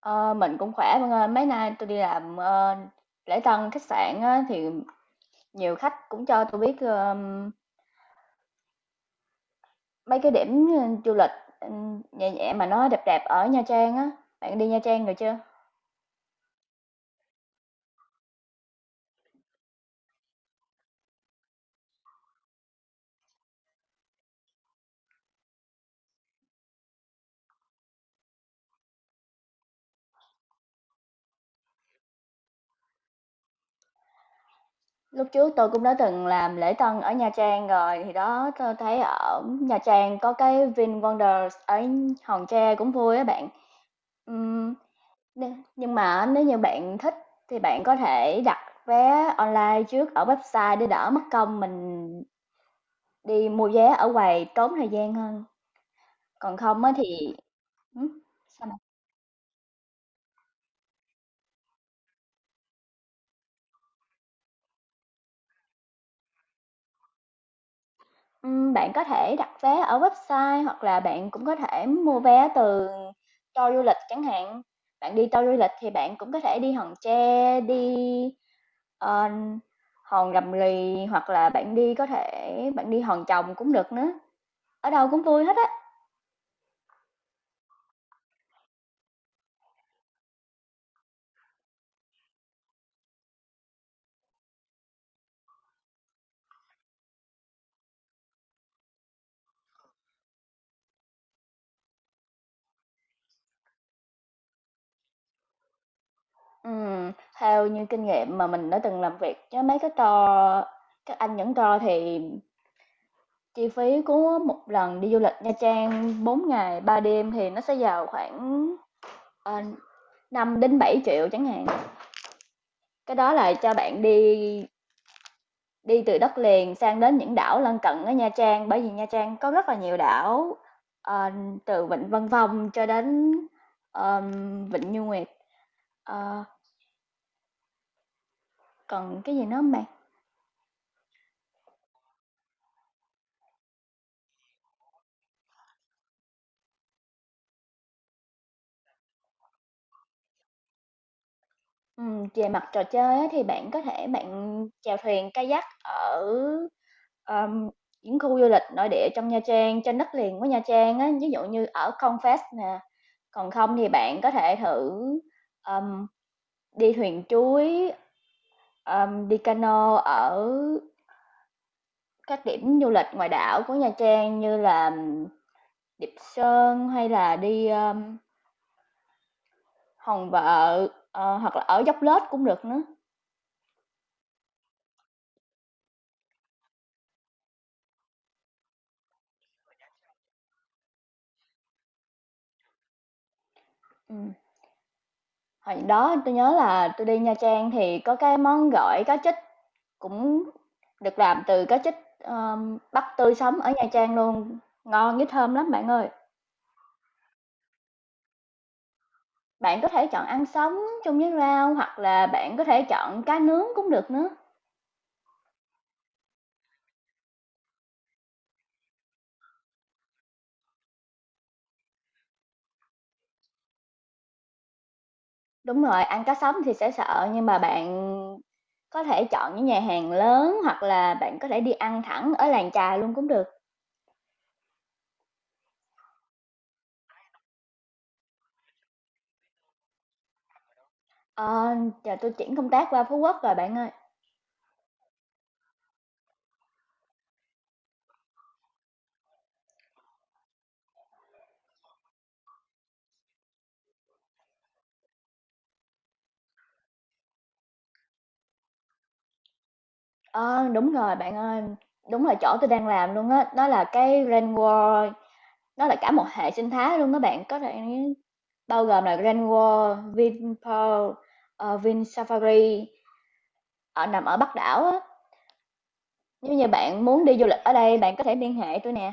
Ờ, mình cũng khỏe bạn ơi. Mấy nay tôi đi làm, lễ tân khách sạn á, thì nhiều khách cũng cho tôi biết, mấy cái điểm, du lịch, nhẹ nhẹ mà nó đẹp đẹp ở Nha Trang á. Bạn đi Nha Trang rồi chưa? Lúc trước tôi cũng đã từng làm lễ tân ở Nha Trang rồi, thì đó tôi thấy ở Nha Trang có cái VinWonders ở Hòn Tre cũng vui á bạn. Ừm, nhưng mà nếu như bạn thích thì bạn có thể đặt vé online trước ở website để đỡ mất công mình đi mua vé ở quầy tốn thời gian hơn, còn không á thì ừm, sao bạn? Bạn có thể đặt vé ở website hoặc là bạn cũng có thể mua vé từ tour du lịch chẳng hạn. Bạn đi tour du lịch thì bạn cũng có thể đi Hòn Tre, đi, ờ, Hòn Rầm Rì hoặc là bạn đi có thể bạn đi Hòn chồng cũng được nữa, ở đâu cũng vui hết á. Ừm, Theo như kinh nghiệm mà mình đã từng làm việc với mấy cái tour các anh dẫn tour thì chi phí của một lần đi du lịch Nha Trang 4 ngày 3 đêm thì nó sẽ vào khoảng, ờ, 5 000 000 7 chẳng hạn. Cái đó là cho bạn đi đi từ đất liền sang đến những đảo lân cận ở Nha Trang, bởi vì Nha Trang có rất là nhiều đảo, ờ, từ Vịnh Vân Phong cho đến, ờm, Vịnh Như Nguyệt. Ờ, Còn cái gì nữa hông bạn? Về mặt trò chơi á, thì bạn có thể chèo thuyền kayak ở, ờm, những khu du lịch nội địa trong Nha Trang, trên đất liền của Nha Trang á, ví dụ như ở Con Fast nè, còn không thì bạn có thể thử, ờm, đi thuyền chuối, đi cano ở các điểm du lịch ngoài đảo của Nha Trang như là Điệp Sơn hay là đi, Hòn Vợ, hoặc là ở Dốc Lết cũng được nữa. Ừm. Hồi đó tôi nhớ là tôi đi Nha Trang thì có cái món gỏi cá trích cũng được làm từ cá trích, ờ, bắt tươi sống ở Nha Trang luôn, ngon với thơm lắm bạn ơi. Bạn có thể chọn ăn sống chung với rau hoặc là bạn có thể chọn cá nướng cũng được nữa. Đúng rồi, ăn cá sống thì sẽ sợ nhưng mà bạn có thể chọn những nhà hàng lớn hoặc là bạn có thể đi ăn thẳng ở làng chài luôn cũng được. Ờ, Giờ tui chuyển công tác qua Phú Quốc rồi bạn ơi. Ờ, Đúng rồi bạn ơi, đúng là chỗ tôi đang làm luôn á, nó là cái Rain World, nó là cả một hệ sinh thái luôn các bạn, có thể bao gồm là Rain World, Vinpearl, Vinsafari ở nằm ở Bắc đảo á. Nếu như bạn muốn đi du lịch ở đây, bạn có thể liên hệ tôi nè.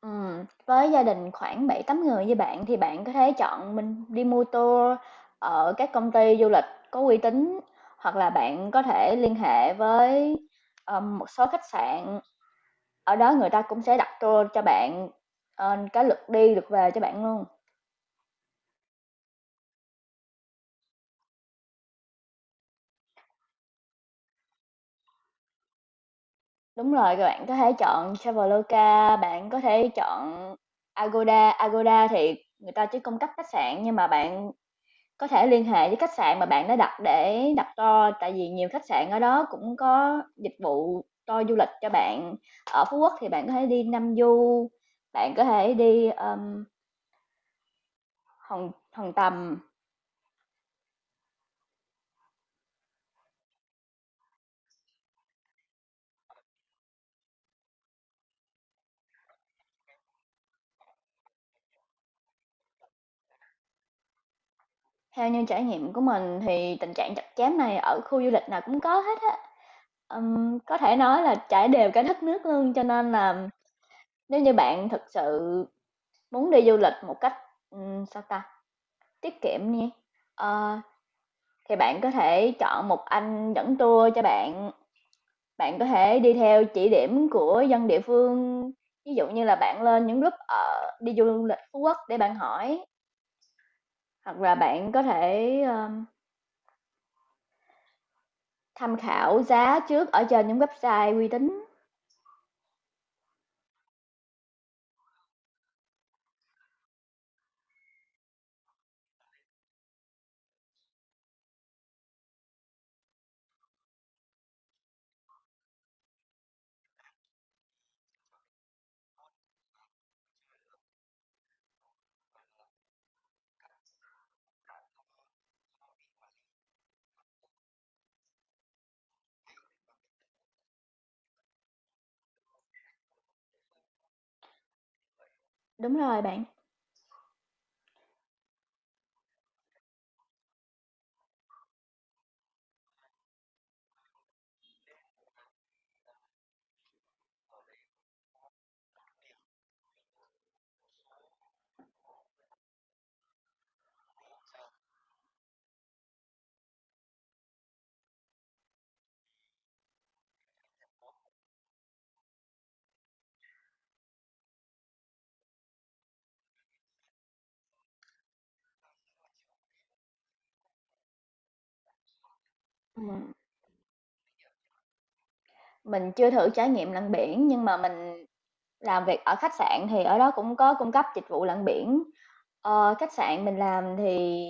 Với gia đình khoảng bảy tám người như bạn thì bạn có thể chọn mình đi mua tour ở các công ty du lịch có uy tín hoặc là bạn có thể liên hệ với một số khách sạn . Ở đó người ta cũng sẽ đặt tour cho bạn, cái lượt đi, lượt về cho bạn luôn. Đúng rồi, rồi bạn có thể chọn Traveloka, bạn có thể chọn Agoda. Agoda thì người ta chỉ cung cấp khách sạn nhưng mà bạn có thể liên hệ với khách sạn mà bạn đã đặt để đặt tour, tại vì nhiều khách sạn ở đó cũng có dịch vụ tour du lịch cho bạn. Ở Phú Quốc thì bạn có thể đi Nam Du, bạn có thể đi, Hòn Hòn Tầm. Theo như trải nghiệm của mình thì tình trạng chặt chém này ở khu du lịch nào cũng có hết á. Có thể nói là trải đều cả đất nước luôn, cho nên là nếu như bạn thực sự muốn đi du lịch một cách, sao ta, tiết kiệm đi, ờ, thì bạn có thể chọn một anh dẫn tour cho bạn. Bạn có thể đi theo chỉ điểm của dân địa phương, ví dụ như là bạn lên những group ở đi du lịch Phú Quốc để bạn hỏi, hoặc là bạn có thể, tham khảo giá trước ở trên những website uy tín. Đúng rồi bạn. Ừm. Mình chưa thử trải nghiệm lặn biển, nhưng mà mình làm việc ở khách sạn thì ở đó cũng có cung cấp dịch vụ lặn biển. Khách sạn mình làm thì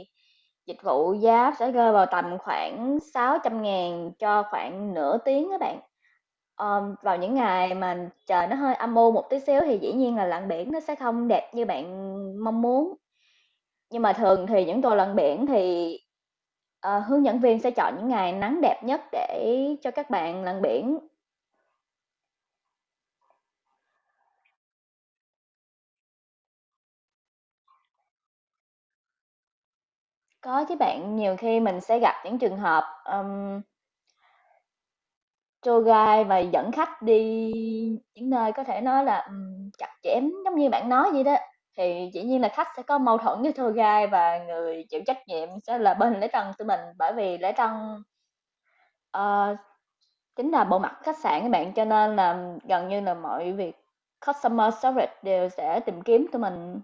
dịch vụ giá sẽ rơi vào tầm khoảng 600.000 cho khoảng nửa tiếng các bạn. Vào những ngày mà trời nó hơi âm u một tí xíu thì dĩ nhiên là lặn biển nó sẽ không đẹp như bạn mong muốn. Nhưng mà thường thì những tour lặn biển thì, hướng dẫn viên sẽ chọn những ngày nắng đẹp nhất để cho các bạn lặn biển. Có chứ bạn, nhiều khi mình sẽ gặp những trường hợp, tour guide và dẫn khách đi những nơi có thể nói là, chặt chém giống như bạn nói vậy đó, thì dĩ nhiên là khách sẽ có mâu thuẫn với tour guide và người chịu trách nhiệm sẽ là bên lễ tân tụi mình, bởi vì lễ tân, ờ, chính là bộ mặt khách sạn các bạn, cho nên là gần như là mọi việc customer service đều sẽ tìm kiếm tụi mình,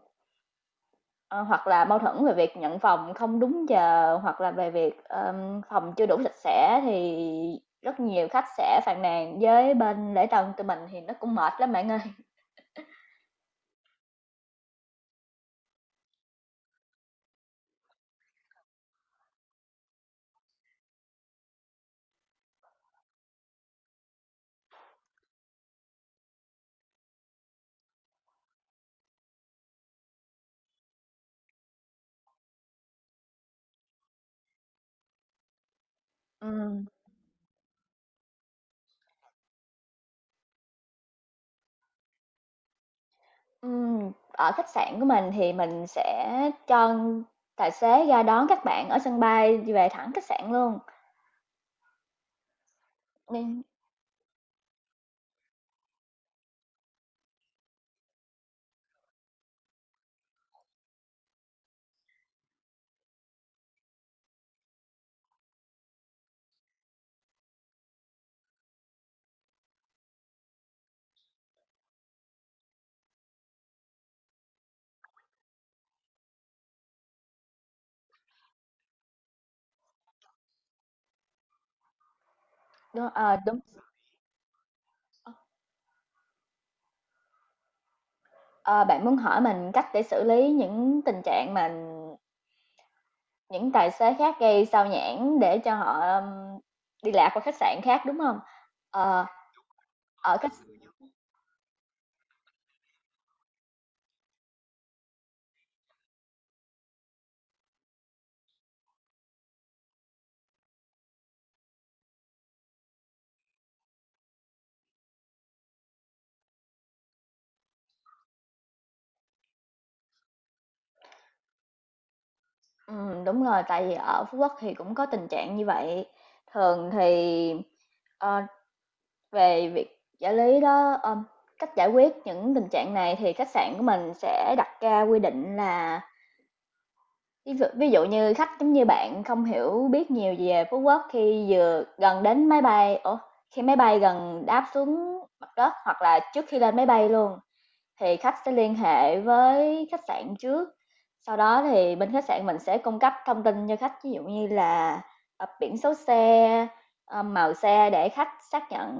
ờ, hoặc là mâu thuẫn về việc nhận phòng không đúng giờ, hoặc là về việc, phòng chưa đủ sạch sẽ thì rất nhiều khách sẽ phàn nàn với bên lễ tân tụi mình thì nó cũng mệt lắm bạn ơi. Ừm, Ở khách sạn của mình thì mình sẽ cho tài xế ra đón các bạn ở sân bay về thẳng khách sạn luôn, nên đúng, đúng. Ờ, Bạn muốn hỏi mình cách để xử lý những tình trạng mà những tài xế khác gây xao nhãng để cho họ, đi lạc qua khách sạn khác, đúng không? Ờ, ở khách Đúng rồi, tại vì ở Phú Quốc thì cũng có tình trạng như vậy. Thường thì, ờ, về việc giải lý đó, cách giải quyết những tình trạng này thì khách sạn của mình sẽ đặt ra quy định là ví dụ như khách giống như bạn không hiểu biết nhiều về Phú Quốc khi vừa gần đến máy bay, ủa, khi máy bay gần đáp xuống mặt đất hoặc là trước khi lên máy bay luôn thì khách sẽ liên hệ với khách sạn trước. Sau đó thì bên khách sạn mình sẽ cung cấp thông tin cho khách, ví dụ như là biển số xe, màu xe để khách xác nhận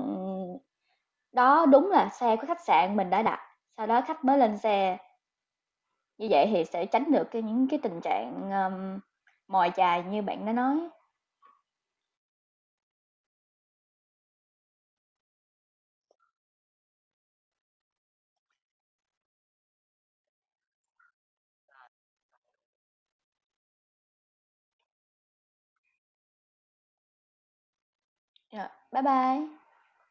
đó đúng là xe của khách sạn mình đã đặt. Sau đó khách mới lên xe. Như vậy thì sẽ tránh được cái những cái tình trạng, mồi chài như bạn đã nói. Rồi, bye bye.